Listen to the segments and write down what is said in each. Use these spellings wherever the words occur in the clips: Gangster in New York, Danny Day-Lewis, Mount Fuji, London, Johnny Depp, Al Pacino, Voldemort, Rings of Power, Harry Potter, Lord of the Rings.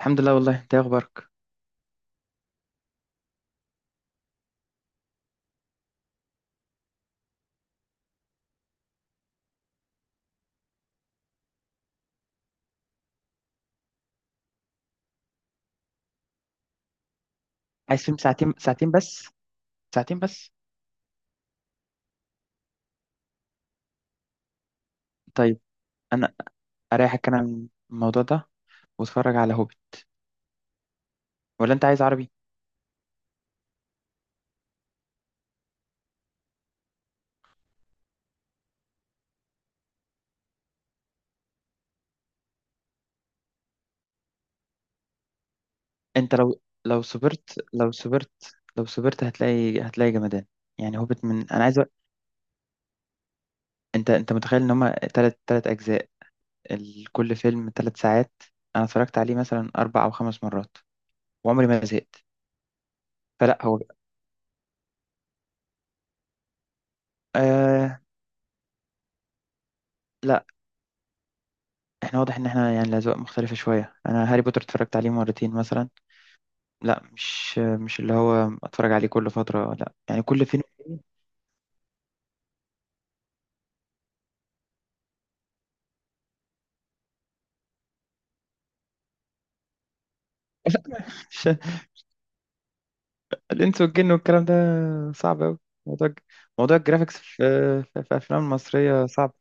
الحمد لله، والله. انت ايه اخبارك؟ عايز فيلم ساعتين ساعتين بس. ساعتين بس. طيب. انا اريحك انا من الموضوع ده واتفرج على هوبي، ولا انت عايز عربي؟ انت لو صبرت هتلاقي جمدان. يعني هوبت، من انا عايز انت متخيل ان هما تلات اجزاء، كل فيلم 3 ساعات. انا اتفرجت عليه مثلا 4 او 5 مرات وعمري ما زهقت. فلا هو. آه، لا. احنا واضح ان احنا يعني الاذواق مختلفة شوية. انا هاري بوتر اتفرجت عليه مرتين مثلا. لا، مش اللي هو اتفرج عليه كل فترة، لا يعني كل فين وفين. الانس والجن والكلام ده صعب قوي. موضوع موضوع الجرافيكس في الافلام المصرية صعب.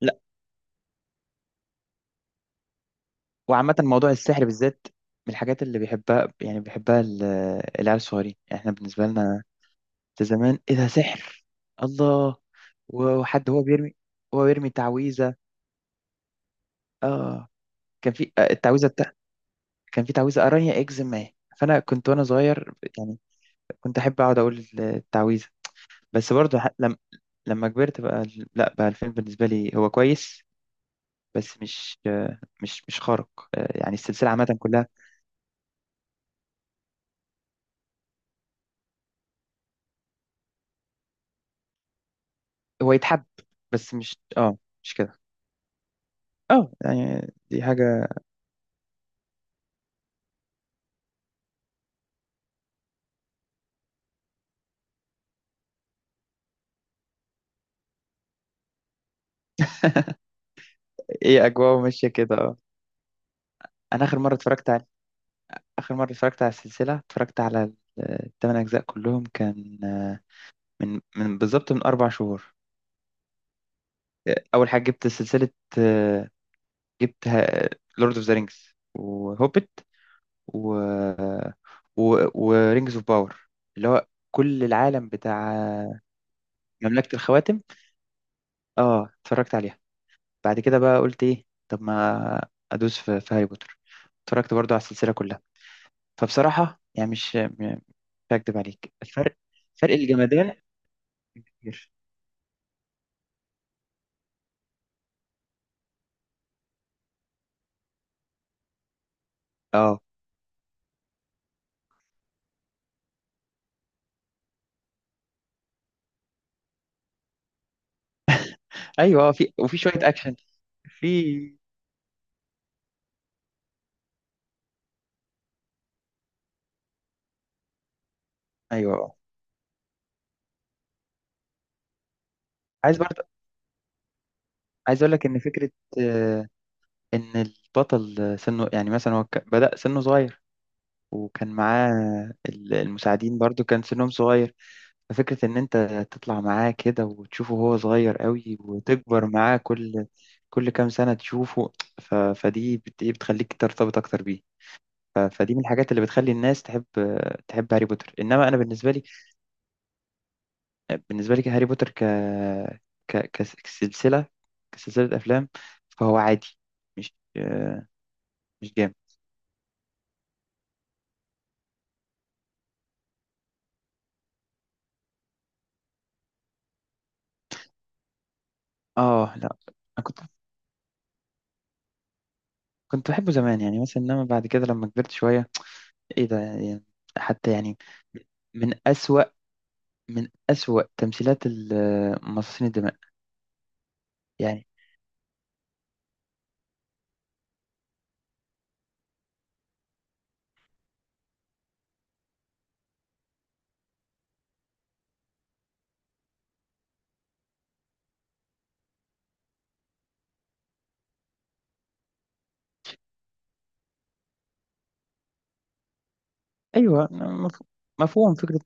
لا. وعامة موضوع السحر بالذات من الحاجات اللي بيحبها، يعني بيحبها العيال الصغيرين. يعني احنا بالنسبة لنا ده زمان، ايه ده سحر. الله. وحد هو بيرمي تعويذة. اه. كان في التعويذة بتاع. كان في تعويذة أرانيا إكس ما. فأنا كنت وأنا صغير، يعني كنت احب اقعد اقول التعويذه. بس برضه ح- لم... لما كبرت بقى، لا بقى الفيلم بالنسبه لي هو كويس. بس مش خارق. يعني السلسله عامه كلها. هو يتحب بس مش كده. اه، يعني دي حاجه. ايه، اجواء ماشيه كده، اه. انا اخر مره اتفرجت على اخر مره اتفرجت على السلسله، اتفرجت على الثمان اجزاء كلهم. كان من بالظبط، 4 شهور. اول حاجه جبت سلسله، آه، جبت لورد اوف ذا رينجز وهوبت و... و... ورينجز اوف باور، اللي هو كل العالم بتاع مملكة الخواتم. اه، اتفرجت عليها. بعد كده بقى قلت ايه، طب ما ادوس في هاري بوتر. اتفرجت برضو على السلسلة كلها. فبصراحة يعني مش هكدب عليك، الفرق، فرق الجمدان، كبير. اه، ايوه. في شوية اكشن. في. ايوه. عايز برضه. عايز اقول لك ان فكرة، آه، ان البطل سنه، يعني مثلا هو بدأ سنه صغير وكان معاه المساعدين، برضو كان سنهم صغير. ففكرة إن أنت تطلع معاه كده وتشوفه وهو صغير قوي وتكبر معاه كل كام سنة تشوفه. فدي إيه بتخليك ترتبط أكتر بيه. فدي من الحاجات اللي بتخلي الناس تحب هاري بوتر. إنما أنا بالنسبة لي، هاري بوتر ك... ك... كس- كسلسلة كسلسلة أفلام، فهو عادي، مش مش جامد. آه، لا. أنا كنت بحبه زمان يعني، مثلا، إنما بعد كده لما كبرت شوية، ايه ده يعني. حتى يعني من أسوأ، تمثيلات مصاصين الدماء. يعني، ايوه. مفهوم فكرة.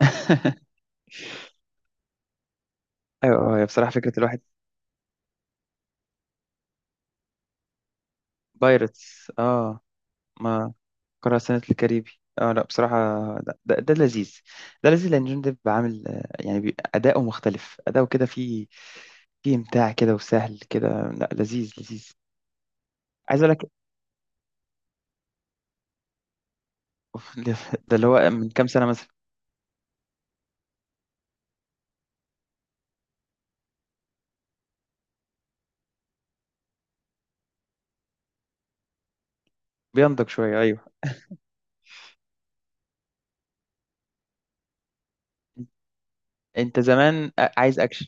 ايوه، هي بصراحة فكرة الواحد. بايرتس، اه. ما قرأ سنة الكاريبي. اه، لا بصراحة. لا، ده لذيذ. ده لذيذ لأن جون ديب عامل يعني أداؤه مختلف، أداؤه كده فيه إمتاع كده وسهل كده. لا، لذيذ لذيذ. عايز أقول لك. ده اللي هو من كام سنة مثلا. بينضج شوية، أيوه. أنت زمان عايز أكشن،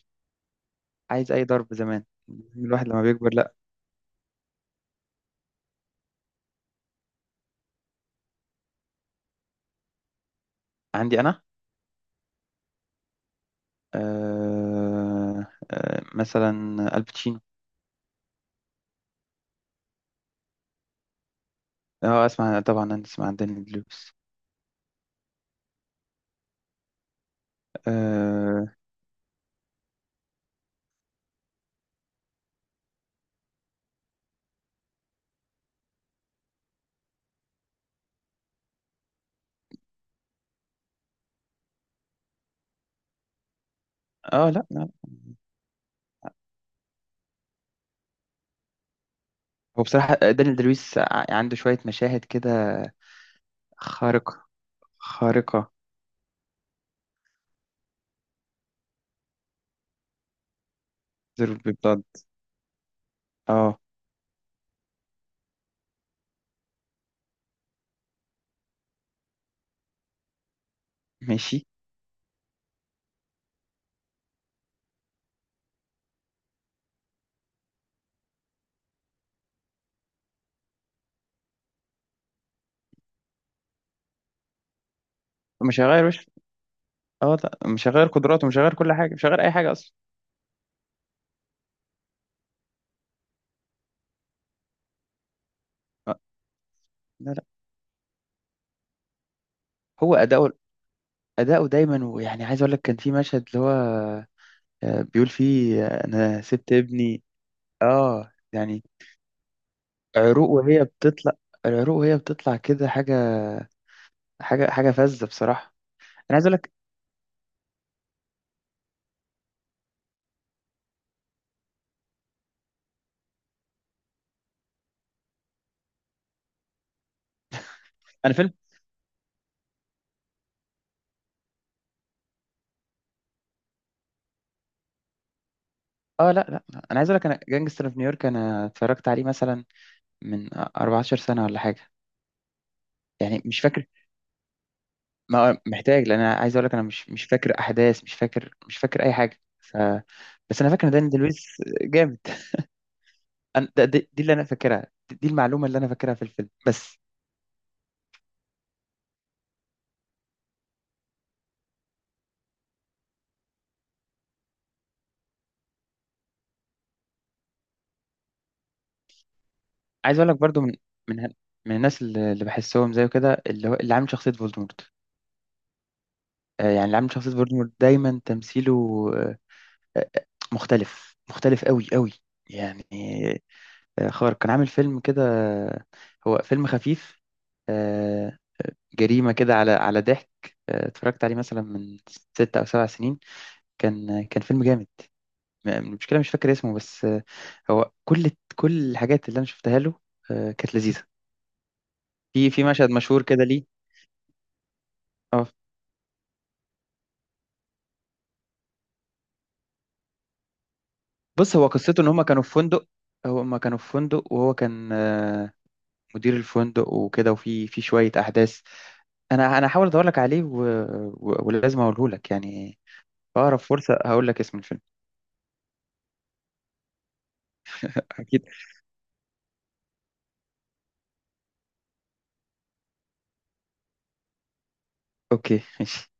عايز اي ضرب زمان. الواحد لما بيكبر، لا. عندي انا. مثلا الباتشينو. اه، اسمع طبعا، انا اسمع عن داني دلويس. اه اه، لا لا. هو بصراحة داني دلويس عنده شوية مشاهد كده خارقة، خارقة. ضرب بلاد، اه. ماشي. مش هغير وش. اه، لا، مش هغير قدراته، مش هغير كل حاجة، مش هغير اي حاجة اصلا. آه، لا لا. هو اداؤه، دايما. ويعني عايز اقول لك كان في مشهد اللي هو بيقول فيه انا سبت ابني. اه يعني. عروق وهي بتطلع العروق وهي بتطلع كده، حاجة، حاجة فذة بصراحة. انا عايز اقول لك، انا فيلم. اه، لا لا لا. انا عايز اقول لك انا جانجستر في نيويورك، انا اتفرجت عليه مثلا من 14 سنة ولا حاجة، يعني مش فاكر. ما محتاج، لان انا عايز اقول لك انا مش فاكر احداث، مش فاكر اي حاجة بس انا فاكر ان داني دي لويس جامد. دي اللي انا فاكرها، دي المعلومة اللي انا فاكرها في الفيلم بس. عايز اقول لك برضو من من الناس اللي بحسهم زيه كده، اللي هو اللي عامل شخصيه فولدمورت. يعني اللي عامل شخصيه فولدمورت دايما تمثيله آه، آه، مختلف مختلف قوي قوي، يعني خارق. كان عامل فيلم كده، هو فيلم خفيف، آه، جريمه كده على ضحك. اتفرجت عليه مثلا من 6 او 7 سنين. كان كان فيلم جامد، المشكله مش فاكر اسمه بس. هو كل، الحاجات اللي انا شفتها له كانت لذيذه. في مشهد مشهور كده ليه. اه، بص هو قصته ان هما كانوا في فندق، هما كانوا في فندق وهو كان مدير الفندق وكده، وفي شويه احداث. انا هحاول ادور لك عليه ولازم اقوله لك، يعني في اقرب فرصه هقول لك اسم الفيلم. اكيد. اوكي، ماشي.